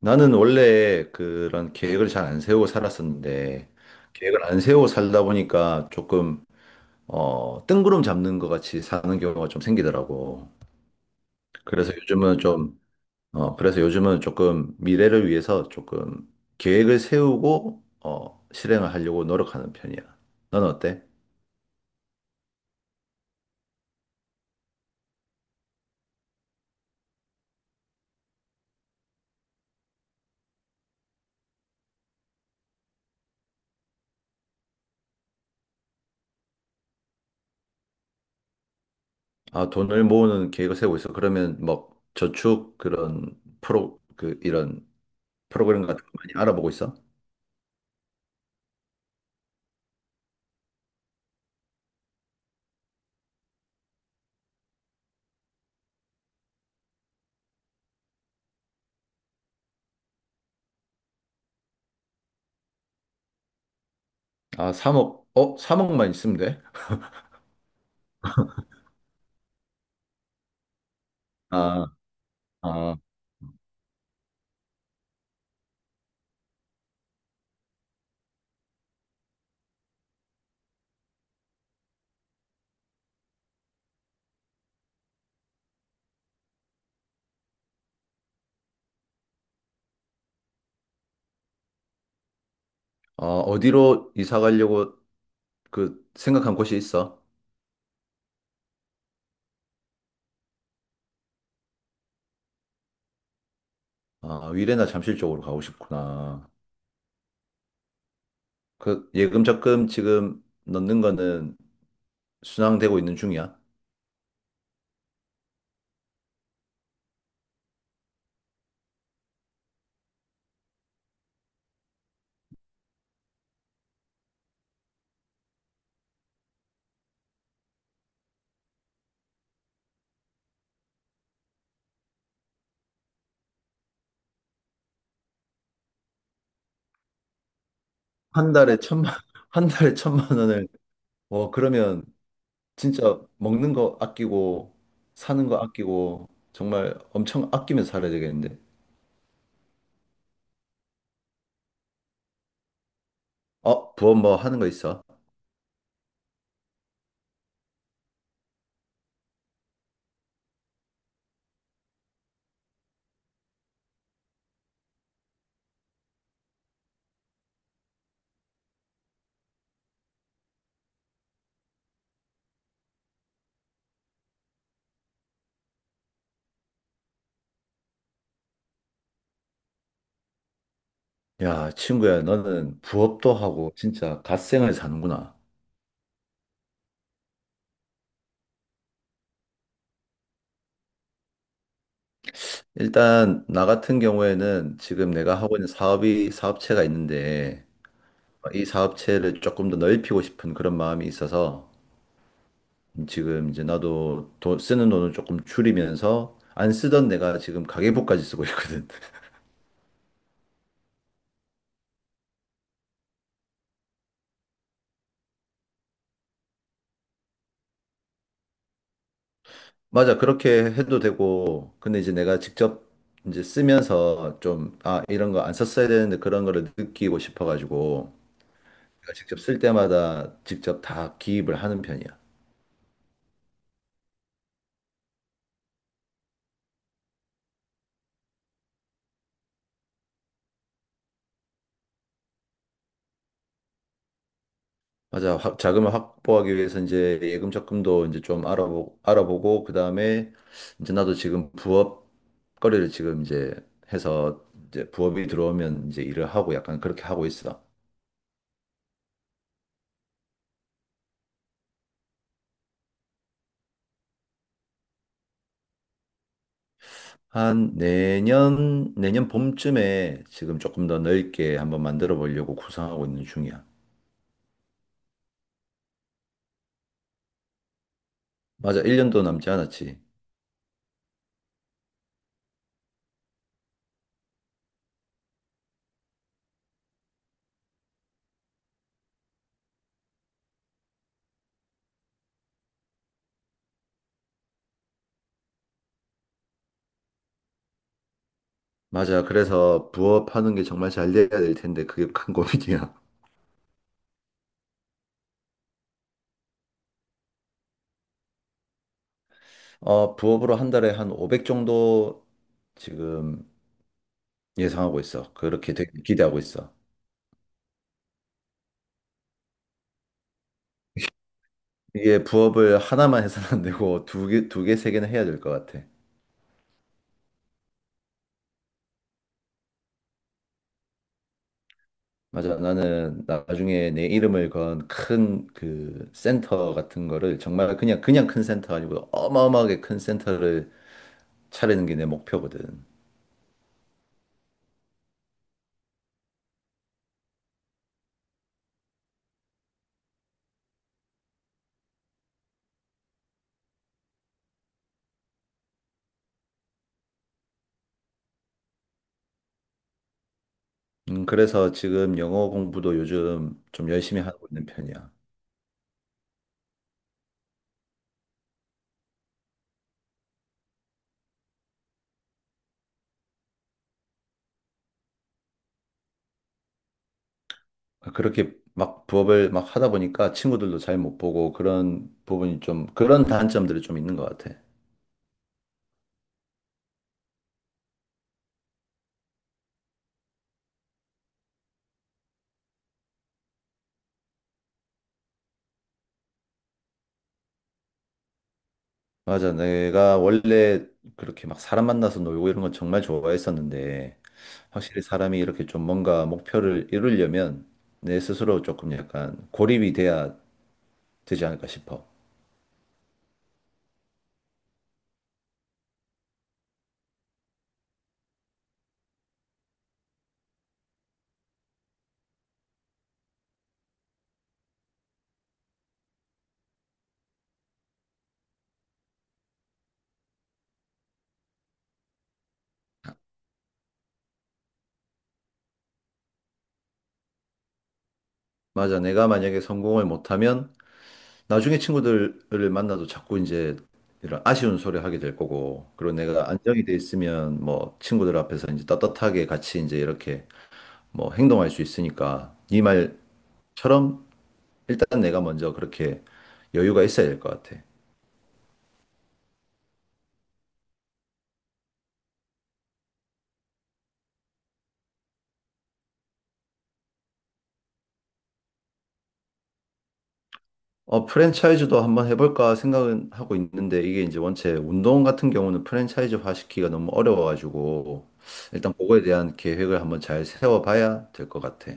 나는 원래 그런 계획을 잘 안 세우고 살았었는데, 계획을 안 세우고 살다 보니까 조금, 뜬구름 잡는 것 같이 사는 경우가 좀 생기더라고. 그래서 요즘은 좀, 그래서 요즘은 조금 미래를 위해서 조금 계획을 세우고, 실행을 하려고 노력하는 편이야. 넌 어때? 아, 돈을 모으는 계획을 세우고 있어. 그러면 뭐 저축 이런 프로그램 같은 거 많이 알아보고 있어? 아, 3억, 3억만 있으면 돼? 아, 아, 어디로 이사 가려고 그 생각한 곳이 있어? 아, 위례나 잠실 쪽으로 가고 싶구나. 그 예금 적금 지금 넣는 거는 순항되고 있는 중이야? 한 달에 천만, 한 달에 천만 원을, 그러면 진짜 먹는 거 아끼고, 사는 거 아끼고, 정말 엄청 아끼면서 살아야 되겠는데. 부업 뭐 하는 거 있어? 야, 친구야, 너는 부업도 하고, 진짜 갓생활 사는구나. 일단 나 같은 경우에는 지금 내가 하고 있는 사업이 사업체가 있는데 이 사업체를 조금 더 넓히고 싶은 그런 마음이 있어서 지금 이제 나도 쓰는 돈을 조금 줄이면서 안 쓰던 내가 지금 가계부까지 쓰고 있거든. 맞아, 그렇게 해도 되고 근데 이제 내가 직접 이제 쓰면서 좀 아, 이런 거 안 썼어야 되는데 그런 거를 느끼고 싶어가지고 내가 직접 쓸 때마다 직접 다 기입을 하는 편이야. 맞아. 자금을 확보하기 위해서 이제 예금 적금도 이제 좀 알아보고, 그 다음에 이제 나도 지금 부업 거래를 지금 이제 해서 이제 부업이 들어오면 이제 일을 하고 약간 그렇게 하고 있어. 한 내년 봄쯤에 지금 조금 더 넓게 한번 만들어 보려고 구상하고 있는 중이야. 맞아. 1년도 남지 않았지. 맞아. 그래서 부업하는 게 정말 잘 돼야 될 텐데 그게 큰 고민이야. 부업으로 한 달에 한 500 정도 지금 예상하고 있어. 그렇게 되게 기대하고 있어. 이게 부업을 하나만 해서는 안 되고 두 개, 세 개는 해야 될 것 같아. 맞아. 나는 나중에 내 이름을 건 큰 그 센터 같은 거를 정말 그냥 그냥 큰 센터 아니고 어마어마하게 큰 센터를 차리는 게 내 목표거든. 그래서 지금 영어 공부도 요즘 좀 열심히 하고 있는 편이야. 그렇게 막 부업을 막 하다 보니까 친구들도 잘 못 보고 그런 부분이 좀 그런 단점들이 좀 있는 것 같아. 맞아. 내가 원래 그렇게 막 사람 만나서 놀고 이런 건 정말 좋아했었는데, 확실히 사람이 이렇게 좀 뭔가 목표를 이루려면 내 스스로 조금 약간 고립이 돼야 되지 않을까 싶어. 맞아. 내가 만약에 성공을 못하면 나중에 친구들을 만나도 자꾸 이제 이런 아쉬운 소리 하게 될 거고, 그리고 내가 안정이 돼 있으면 뭐 친구들 앞에서 이제 떳떳하게 같이 이제 이렇게 뭐 행동할 수 있으니까, 네 말처럼 일단 내가 먼저 그렇게 여유가 있어야 될 것 같아. 프랜차이즈도 한번 해볼까 생각은 하고 있는데 이게 이제 원체 운동 같은 경우는 프랜차이즈화 시키기가 너무 어려워가지고 일단 그거에 대한 계획을 한번 잘 세워봐야 될 것 같아.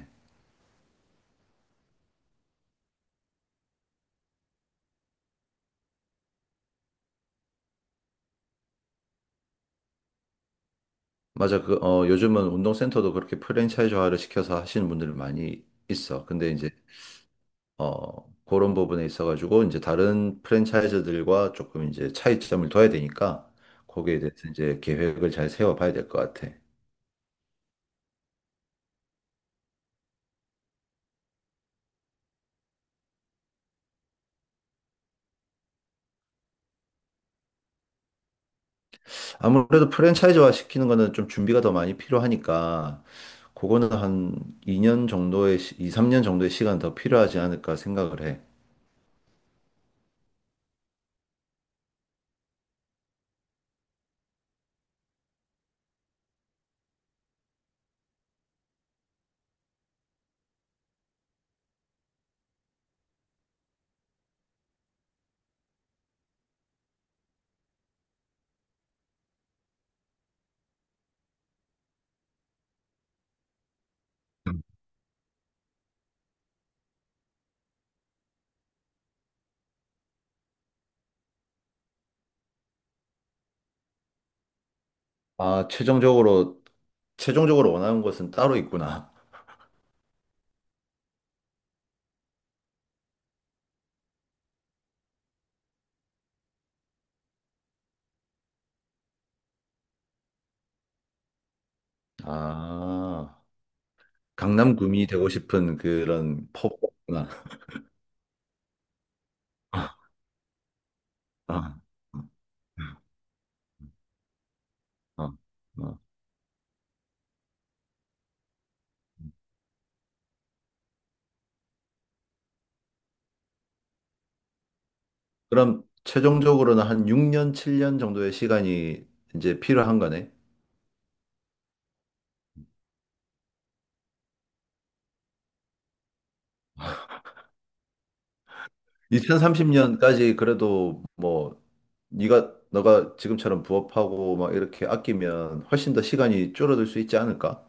맞아. 요즘은 운동센터도 그렇게 프랜차이즈화를 시켜서 하시는 분들이 많이 있어. 근데 이제, 그런 부분에 있어가지고 이제 다른 프랜차이즈들과 조금 이제 차이점을 둬야 되니까 거기에 대해서 이제 계획을 잘 세워봐야 될 것 같아. 아무래도 프랜차이즈화 시키는 거는 좀 준비가 더 많이 필요하니까, 그거는 한 2년 정도의, 2, 3년 정도의 시간 더 필요하지 않을까 생각을 해. 아, 최종적으로, 원하는 것은 따로 있구나. 아, 강남구미 되고 싶은 그런 포부구나. 아, 아, 아. 아, 아, 아. 그럼 최종적으로는 한 6년, 7년 정도의 시간이 이제 필요한 거네. 2030년까지 그래도 뭐 네가 너가 지금처럼 부업하고 막 이렇게 아끼면 훨씬 더 시간이 줄어들 수 있지 않을까?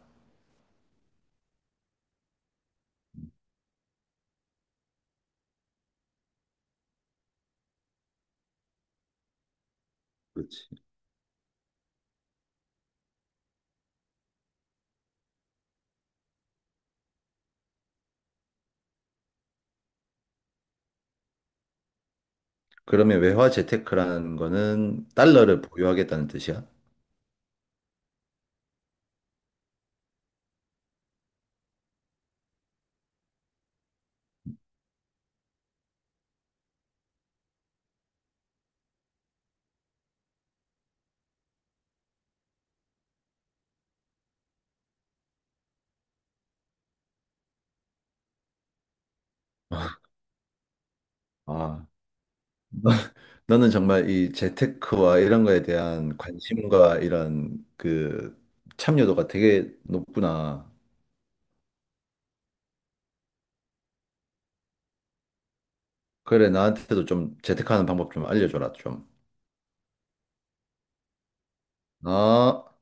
그렇지. 그러면 외화 재테크라는 거는 달러를 보유하겠다는 뜻이야. 아, 너는 정말 이 재테크와 이런 거에 대한 관심과 이런 그 참여도가 되게 높구나. 그래, 나한테도 좀 재테크하는 방법 좀 알려줘라, 좀. 아.